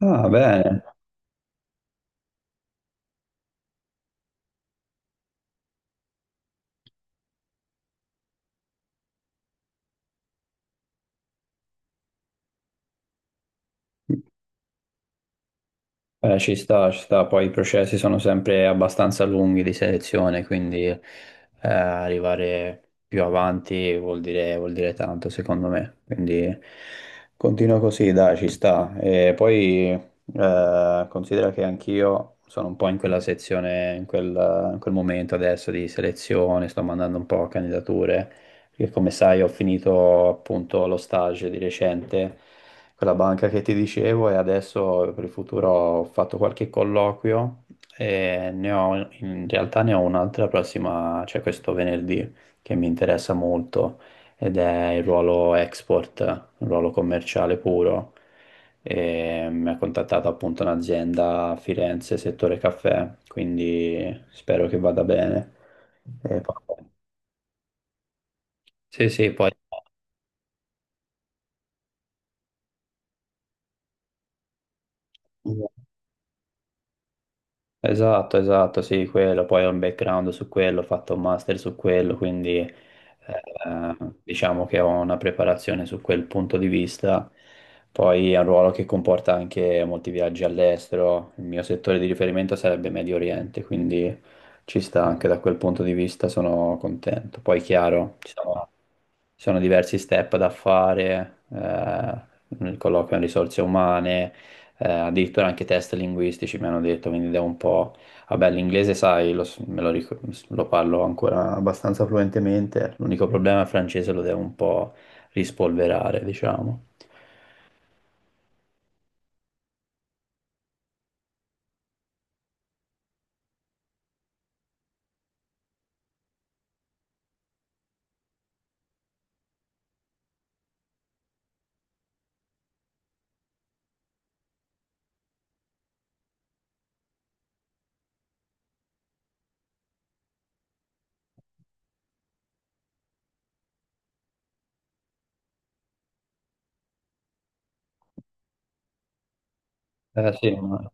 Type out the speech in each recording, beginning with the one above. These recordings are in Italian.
Ah, bene. Ci sta, ci sta, poi i processi sono sempre abbastanza lunghi di selezione, quindi arrivare più avanti vuol dire tanto secondo me, quindi continua così, dai, ci sta. E poi considera che anch'io sono un po' in quella sezione, in quel momento adesso di selezione, sto mandando un po' candidature. Perché come sai ho finito appunto lo stage di recente con la banca che ti dicevo e adesso per il futuro ho fatto qualche colloquio e ne ho, in realtà ne ho un'altra prossima, cioè questo venerdì, che mi interessa molto ed è il ruolo export, un ruolo commerciale puro. E mi ha contattato appunto un'azienda a Firenze, settore caffè, quindi spero che vada bene. E poi- sì, sì, poi... Esatto, esatto, sì, quello, poi ho un background su quello, ho fatto un master su quello, quindi diciamo che ho una preparazione su quel punto di vista. Poi è un ruolo che comporta anche molti viaggi all'estero, il mio settore di riferimento sarebbe Medio Oriente, quindi ci sta anche da quel punto di vista, sono contento. Poi chiaro, ci sono diversi step da fare, il colloquio in risorse umane, addirittura anche test linguistici mi hanno detto, quindi devo un po'... Vabbè, l'inglese, sai, lo, s- me lo, ric- lo parlo ancora abbastanza fluentemente, l'unico problema è il francese, lo devo un po' rispolverare, diciamo. Eh sì, ma-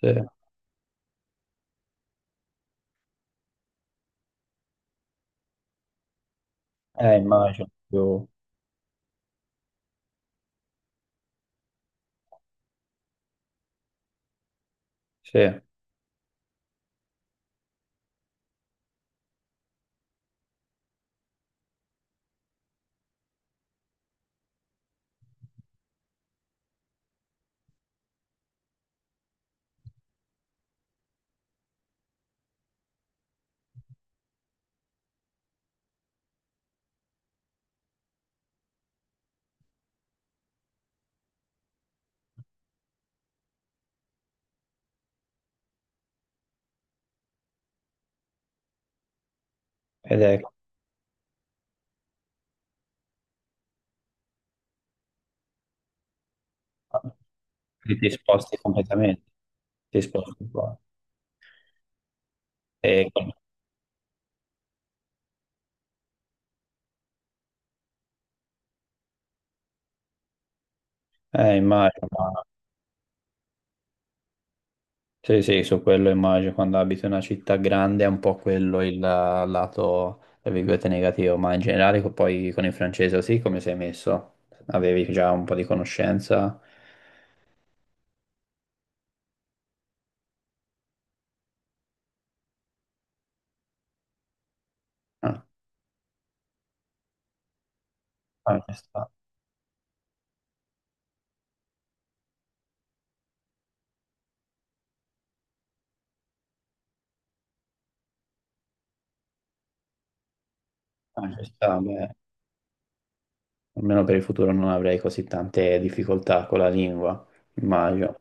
sì. Immagino più... Sì, ed è... Ti sposti completamente, ti sposti qua. E- immagino. Sì, sì, su quello immagino, quando abiti in una città grande è un po' quello il lato, tra virgolette, negativo, ma in generale poi con il francese così come sei messo? Avevi già un po' di conoscenza? Ah, ah, ci sta, ah, ci sta, beh, almeno per il futuro non avrei così tante difficoltà con la lingua, immagino.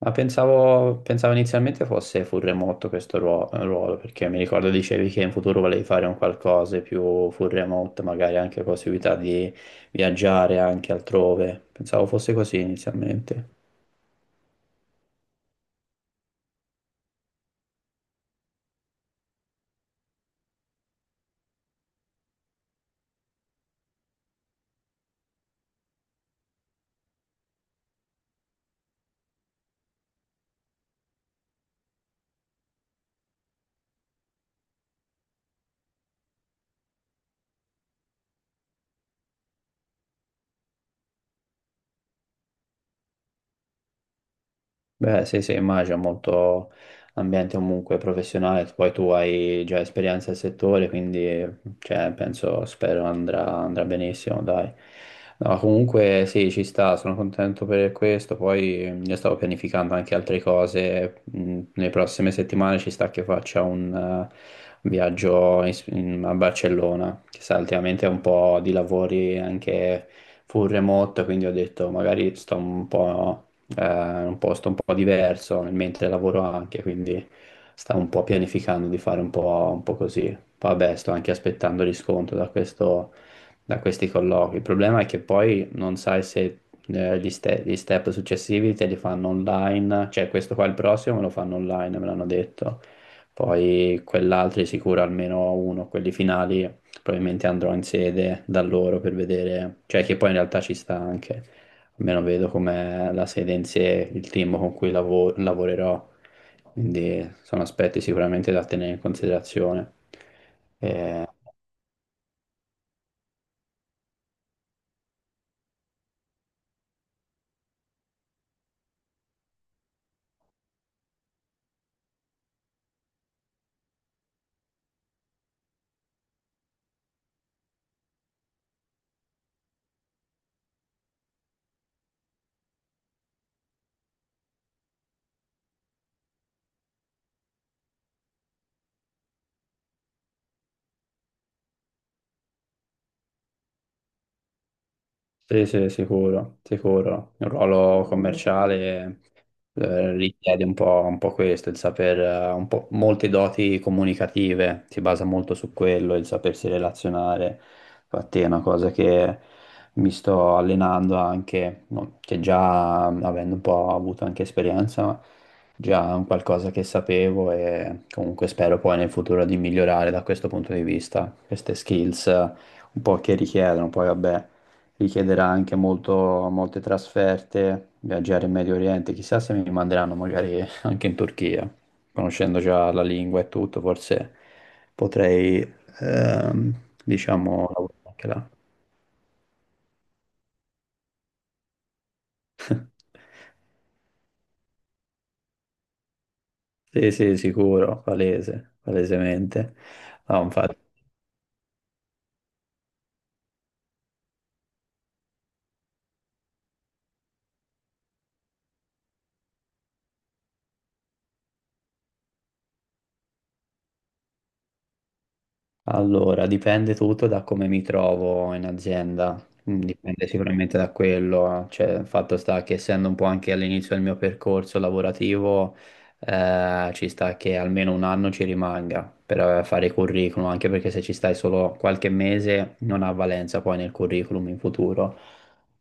Pensavo inizialmente fosse full remote questo ruolo, perché mi ricordo dicevi che in futuro volevi fare un qualcosa più full remote, magari anche possibilità di viaggiare anche altrove. Pensavo fosse così inizialmente. Beh, sì, sì, immagino molto ambiente comunque professionale, poi tu hai già esperienza nel settore, quindi cioè, penso, spero andrà, andrà benissimo, dai. No, comunque sì, ci sta, sono contento per questo, poi io stavo pianificando anche altre cose, nelle prossime settimane ci sta che faccia un viaggio a Barcellona, che sa, ultimamente è un po' di lavori anche full remote, quindi ho detto magari sto un po' un posto un po' diverso, mentre lavoro anche, quindi stavo un po' pianificando di fare un po' così. Poi vabbè, sto anche aspettando riscontro da questo, da questi colloqui. Il problema è che poi non sai se gli step successivi te li fanno online, cioè questo qua il prossimo me lo fanno online, me l'hanno detto. Poi quell'altro di sicuro almeno uno, quelli finali, probabilmente andrò in sede da loro per vedere, cioè che poi in realtà ci sta anche almeno vedo com'è la sede in sé, il team con cui lavorerò, quindi sono aspetti sicuramente da tenere in considerazione. Eh, Sì, sì, sicuro, sicuro. Il ruolo commerciale richiede un po' questo, il saper, un po' molte doti comunicative, si basa molto su quello, il sapersi relazionare. Infatti è una cosa che mi sto allenando anche, no, che già avendo un po' avuto anche esperienza, ma già è un qualcosa che sapevo e comunque spero poi nel futuro di migliorare da questo punto di vista, queste skills un po' che richiedono, poi vabbè richiederà anche molto, molte trasferte, viaggiare in Medio Oriente, chissà se mi manderanno magari anche in Turchia, conoscendo già la lingua e tutto, forse potrei, ehm, diciamo, lavorare anche là. Sì, sì, sicuro, palese, palesemente. No, infatti. Allora, dipende tutto da come mi trovo in azienda. Dipende sicuramente da quello, cioè il fatto sta che essendo un po' anche all'inizio del mio percorso lavorativo, ci sta che almeno 1 anno ci rimanga per fare i curriculum, anche perché se ci stai solo qualche mese non ha valenza poi nel curriculum in futuro,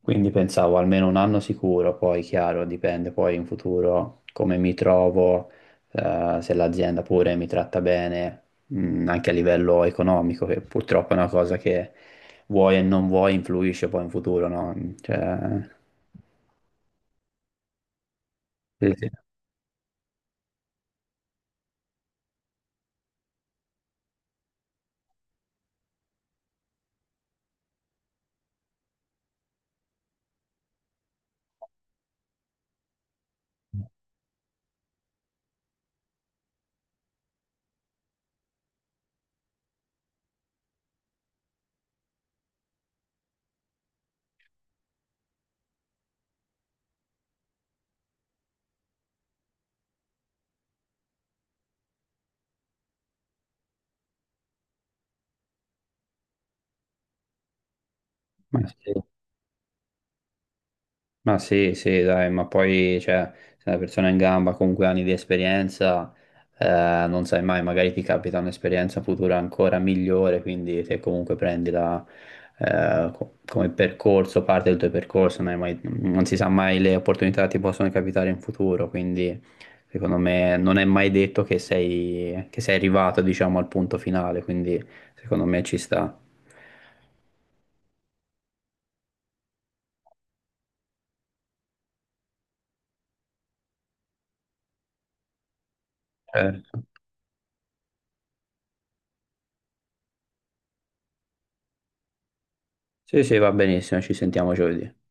quindi pensavo almeno 1 anno sicuro, poi chiaro, dipende poi in futuro come mi trovo se l'azienda pure mi tratta bene, anche a livello economico, che purtroppo è una cosa che vuoi e non vuoi influisce poi in futuro, no? Cioè, sì, sì. Ma sì. Ma sì, sì, dai, ma poi, cioè, se una persona è in gamba comunque ha anni di esperienza, non sai mai, magari ti capita un'esperienza futura ancora migliore, quindi se comunque prendi la, come percorso, parte del tuo percorso, non hai mai- non si sa mai le opportunità che ti possono capitare in futuro, quindi secondo me non è mai detto che sei arrivato, diciamo, al punto finale, quindi secondo me ci sta. Eh, sì, sì, va benissimo, ci sentiamo giovedì.